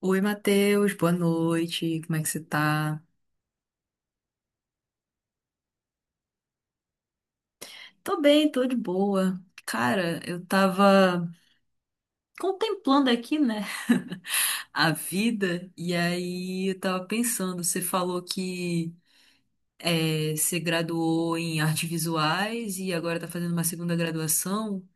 Oi, Matheus, boa noite. Como é que você tá? Tô bem, tô de boa. Cara, eu tava contemplando aqui, né, a vida, e aí eu tava pensando, você falou que você graduou em artes visuais e agora tá fazendo uma segunda graduação.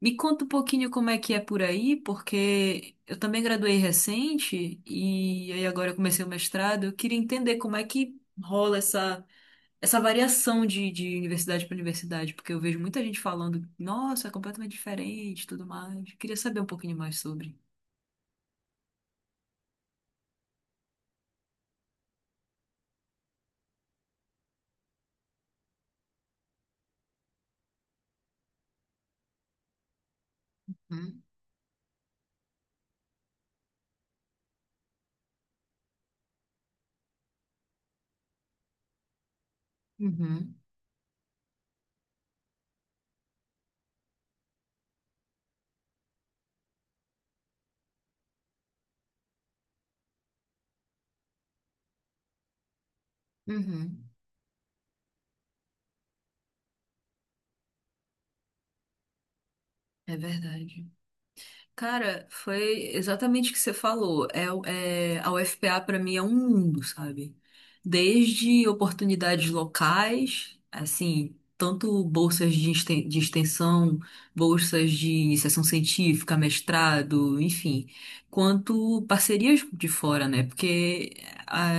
Me conta um pouquinho como é que é por aí, porque eu também graduei recente e aí agora eu comecei o mestrado. Eu queria entender como é que rola essa variação de universidade para universidade, porque eu vejo muita gente falando, nossa, é completamente diferente, e tudo mais. Queria saber um pouquinho mais sobre. Uhum, uhum, uhum. É verdade. Cara, foi exatamente o que você falou. A UFPA para mim é um mundo, sabe? Desde oportunidades locais, assim, tanto de extensão, bolsas de iniciação científica, mestrado, enfim, quanto parcerias de fora, né? Porque, ah,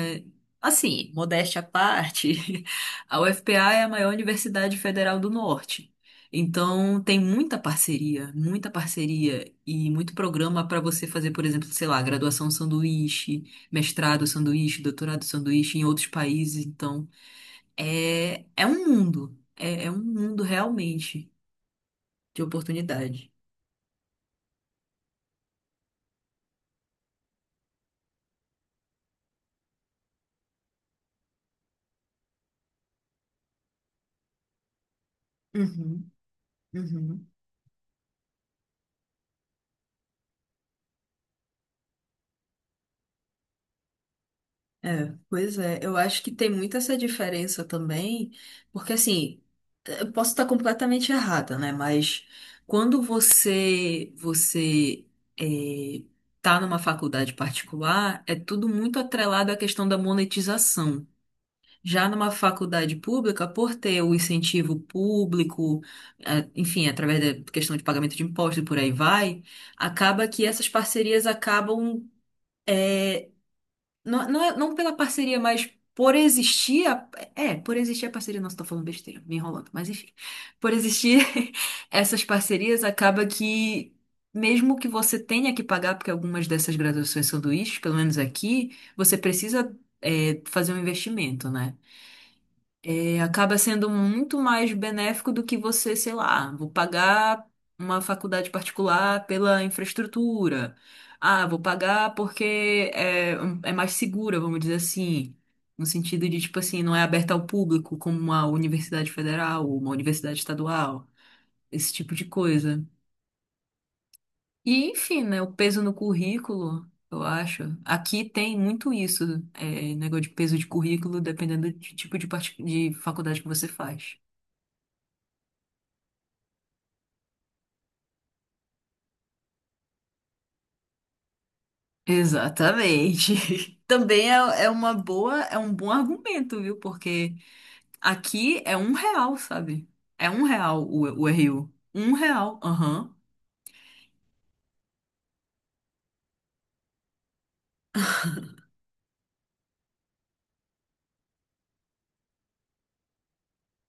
assim, modéstia à parte, a UFPA é a maior universidade federal do norte. Então, tem muita parceria e muito programa para você fazer, por exemplo, sei lá, graduação sanduíche, mestrado sanduíche, doutorado sanduíche em outros países. Então, é um mundo, é um mundo realmente de oportunidade. Uhum, uhum. É, pois é, eu acho que tem muito essa diferença também, porque assim, eu posso estar completamente errada, né? Mas quando você é, tá numa faculdade particular, é tudo muito atrelado à questão da monetização. Já numa faculdade pública, por ter o incentivo público, enfim, através da questão de pagamento de impostos e por aí vai, acaba que essas parcerias acabam eh, não, não pela parceria, mas por existir. Por existir a parceria. Nossa, tô falando besteira, me enrolando. Mas enfim. Por existir essas parcerias, acaba que, mesmo que você tenha que pagar, porque algumas dessas graduações sanduíches, pelo menos aqui, você precisa, fazer um investimento, né? Acaba sendo muito mais benéfico do que você, sei lá, vou pagar uma faculdade particular pela infraestrutura. Ah, vou pagar porque é mais segura, vamos dizer assim. No sentido de, tipo assim, não é aberta ao público como uma universidade federal ou uma universidade estadual, esse tipo de coisa. E, enfim, né, o peso no currículo, eu acho. Aqui tem muito isso, negócio de peso de currículo, dependendo do tipo de faculdade que você faz. Exatamente. Também é uma boa, é um bom argumento, viu? Porque aqui é um real, sabe? É um real o RU. Um real, aham.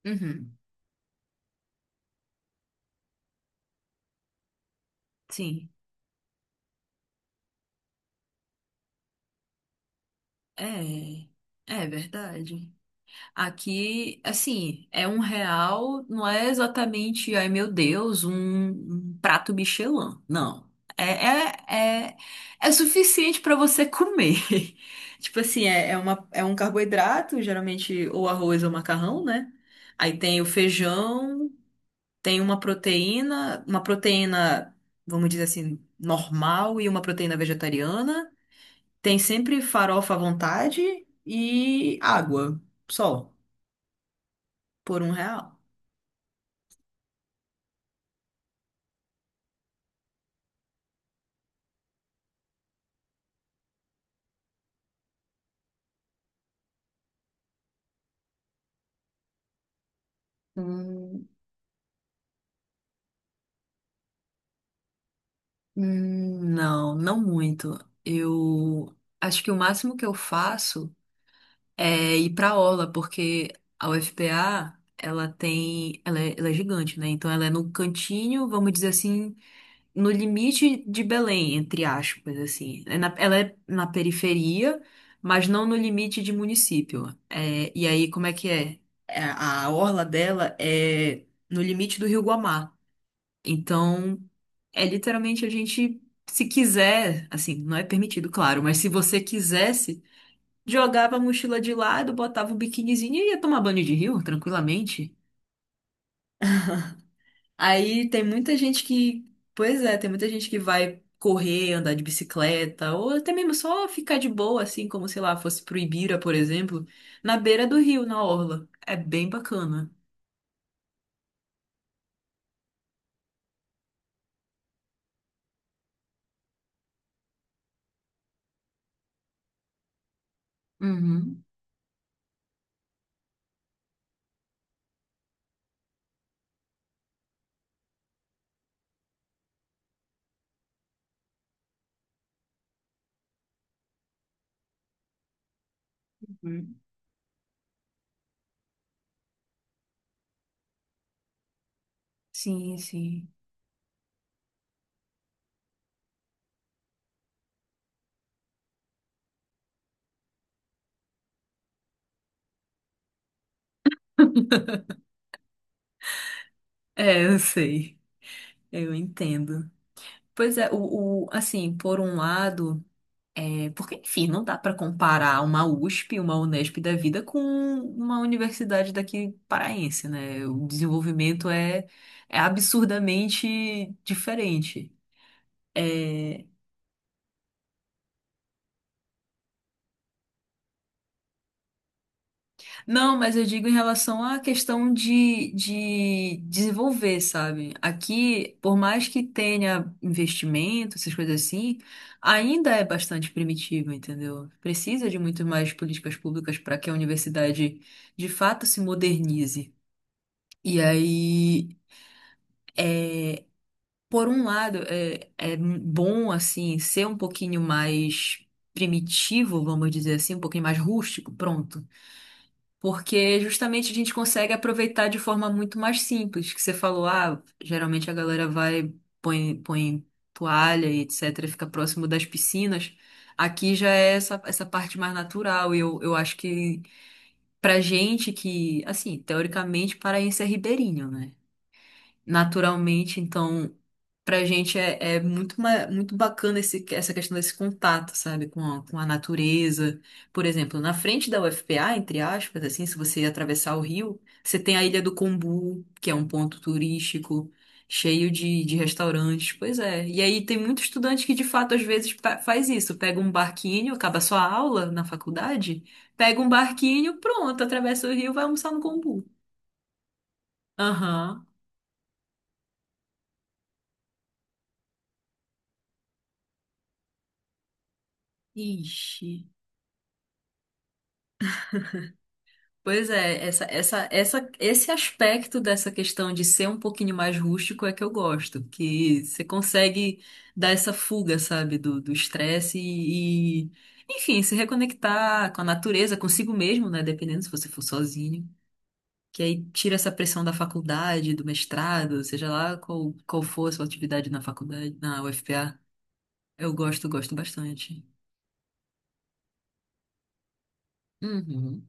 Uhum. Sim. É, é verdade. Aqui, assim, é um real, não é exatamente, ai meu Deus, um prato Michelin. Não. É, é, é, é suficiente para você comer. Tipo assim, é um carboidrato, geralmente ou arroz ou macarrão, né? Aí tem o feijão, tem uma proteína, vamos dizer assim, normal e uma proteína vegetariana. Tem sempre farofa à vontade e água, só. Por um real? Hum, não, não muito. Eu acho que o máximo que eu faço é ir pra aula, porque a UFPA, ela é gigante, né? Então ela é no cantinho, vamos dizer assim, no limite de Belém, entre aspas, assim. Ela é na periferia, mas não no limite de município. É, e aí, como é que é? É, a orla dela é no limite do Rio Guamá. Então, é literalmente a gente, se quiser, assim, não é permitido, claro, mas se você quisesse, jogava a mochila de lado, botava o biquinizinho e ia tomar banho de rio, tranquilamente. Aí tem muita gente que, pois é, tem muita gente que vai correr, andar de bicicleta, ou até mesmo só ficar de boa, assim, como sei lá, fosse pro Ibira, por exemplo, na beira do rio, na orla. É bem bacana. Uhum. Uhum. Sim, sim. É, eu sei. Eu entendo. Pois é, assim, por um lado, porque, enfim, não dá para comparar uma USP, uma Unesp da vida com uma universidade daqui paraense, né? É absurdamente diferente. É, não, mas eu digo em relação à questão de desenvolver, sabe? Aqui, por mais que tenha investimento, essas coisas assim, ainda é bastante primitivo, entendeu? Precisa de muito mais políticas públicas para que a universidade de fato se modernize. E aí, por um lado, é bom, assim, ser um pouquinho mais primitivo, vamos dizer assim, um pouquinho mais rústico, pronto. Porque justamente a gente consegue aproveitar de forma muito mais simples, que você falou, ah, geralmente a galera vai, põe toalha e etc, fica próximo das piscinas. Aqui já é essa, essa parte mais natural, e eu acho que pra gente que, assim, teoricamente paraense é ribeirinho, né? Naturalmente. Então, pra gente é, é muito, muito bacana esse, essa questão desse contato, sabe, com com a natureza. Por exemplo, na frente da UFPA, entre aspas, assim, se você atravessar o rio, você tem a Ilha do Combu, que é um ponto turístico. Cheio de restaurantes, pois é. E aí tem muito estudante que de fato faz isso, pega um barquinho, acaba sua aula na faculdade, pega um barquinho, pronto, atravessa o rio, vai almoçar no Combu. Aham. Ixi. Pois é, esse aspecto dessa questão de ser um pouquinho mais rústico é que eu gosto, que você consegue dar essa fuga, sabe, do estresse enfim, se reconectar com a natureza, consigo mesmo, né, dependendo se você for sozinho, que aí tira essa pressão da faculdade, do mestrado, seja lá qual for a sua atividade na faculdade, na UFPA. Eu gosto, gosto bastante. Uhum.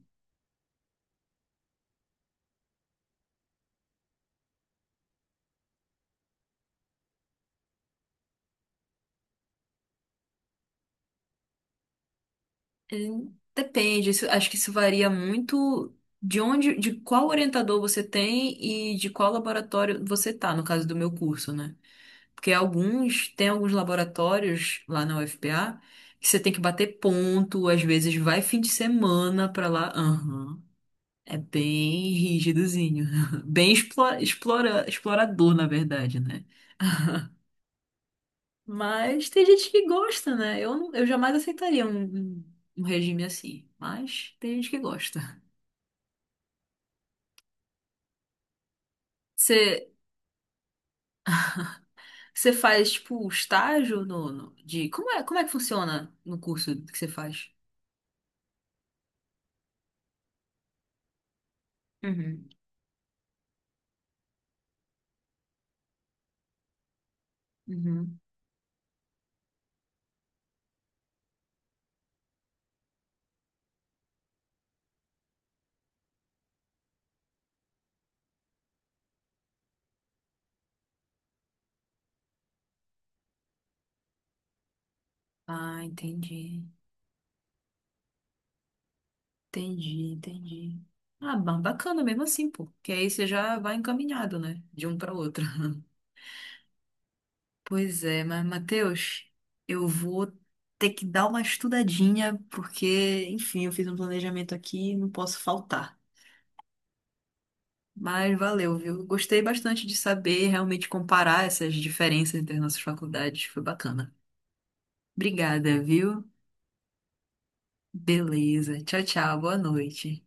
Depende, acho que isso varia muito de onde, de qual orientador você tem e de qual laboratório você tá, no caso do meu curso, né? Tem alguns laboratórios lá na UFPA que você tem que bater ponto, às vezes vai fim de semana pra lá. Aham. É bem rígidozinho, bem explorador, na verdade, né? Mas tem gente que gosta, né? Eu jamais aceitaria um um regime assim, mas tem gente que gosta. Você você faz tipo estágio de como é que funciona no curso que você faz? Uhum, uhum. Ah, entendi. Entendi, entendi. Ah, bacana mesmo assim, pô. Que aí você já vai encaminhado, né? De um para outro. Pois é, mas Matheus, eu vou ter que dar uma estudadinha, porque, enfim, eu fiz um planejamento aqui e não posso faltar. Mas valeu, viu? Gostei bastante de saber, realmente comparar essas diferenças entre as nossas faculdades. Foi bacana. Obrigada, viu? Beleza. Tchau, tchau. Boa noite.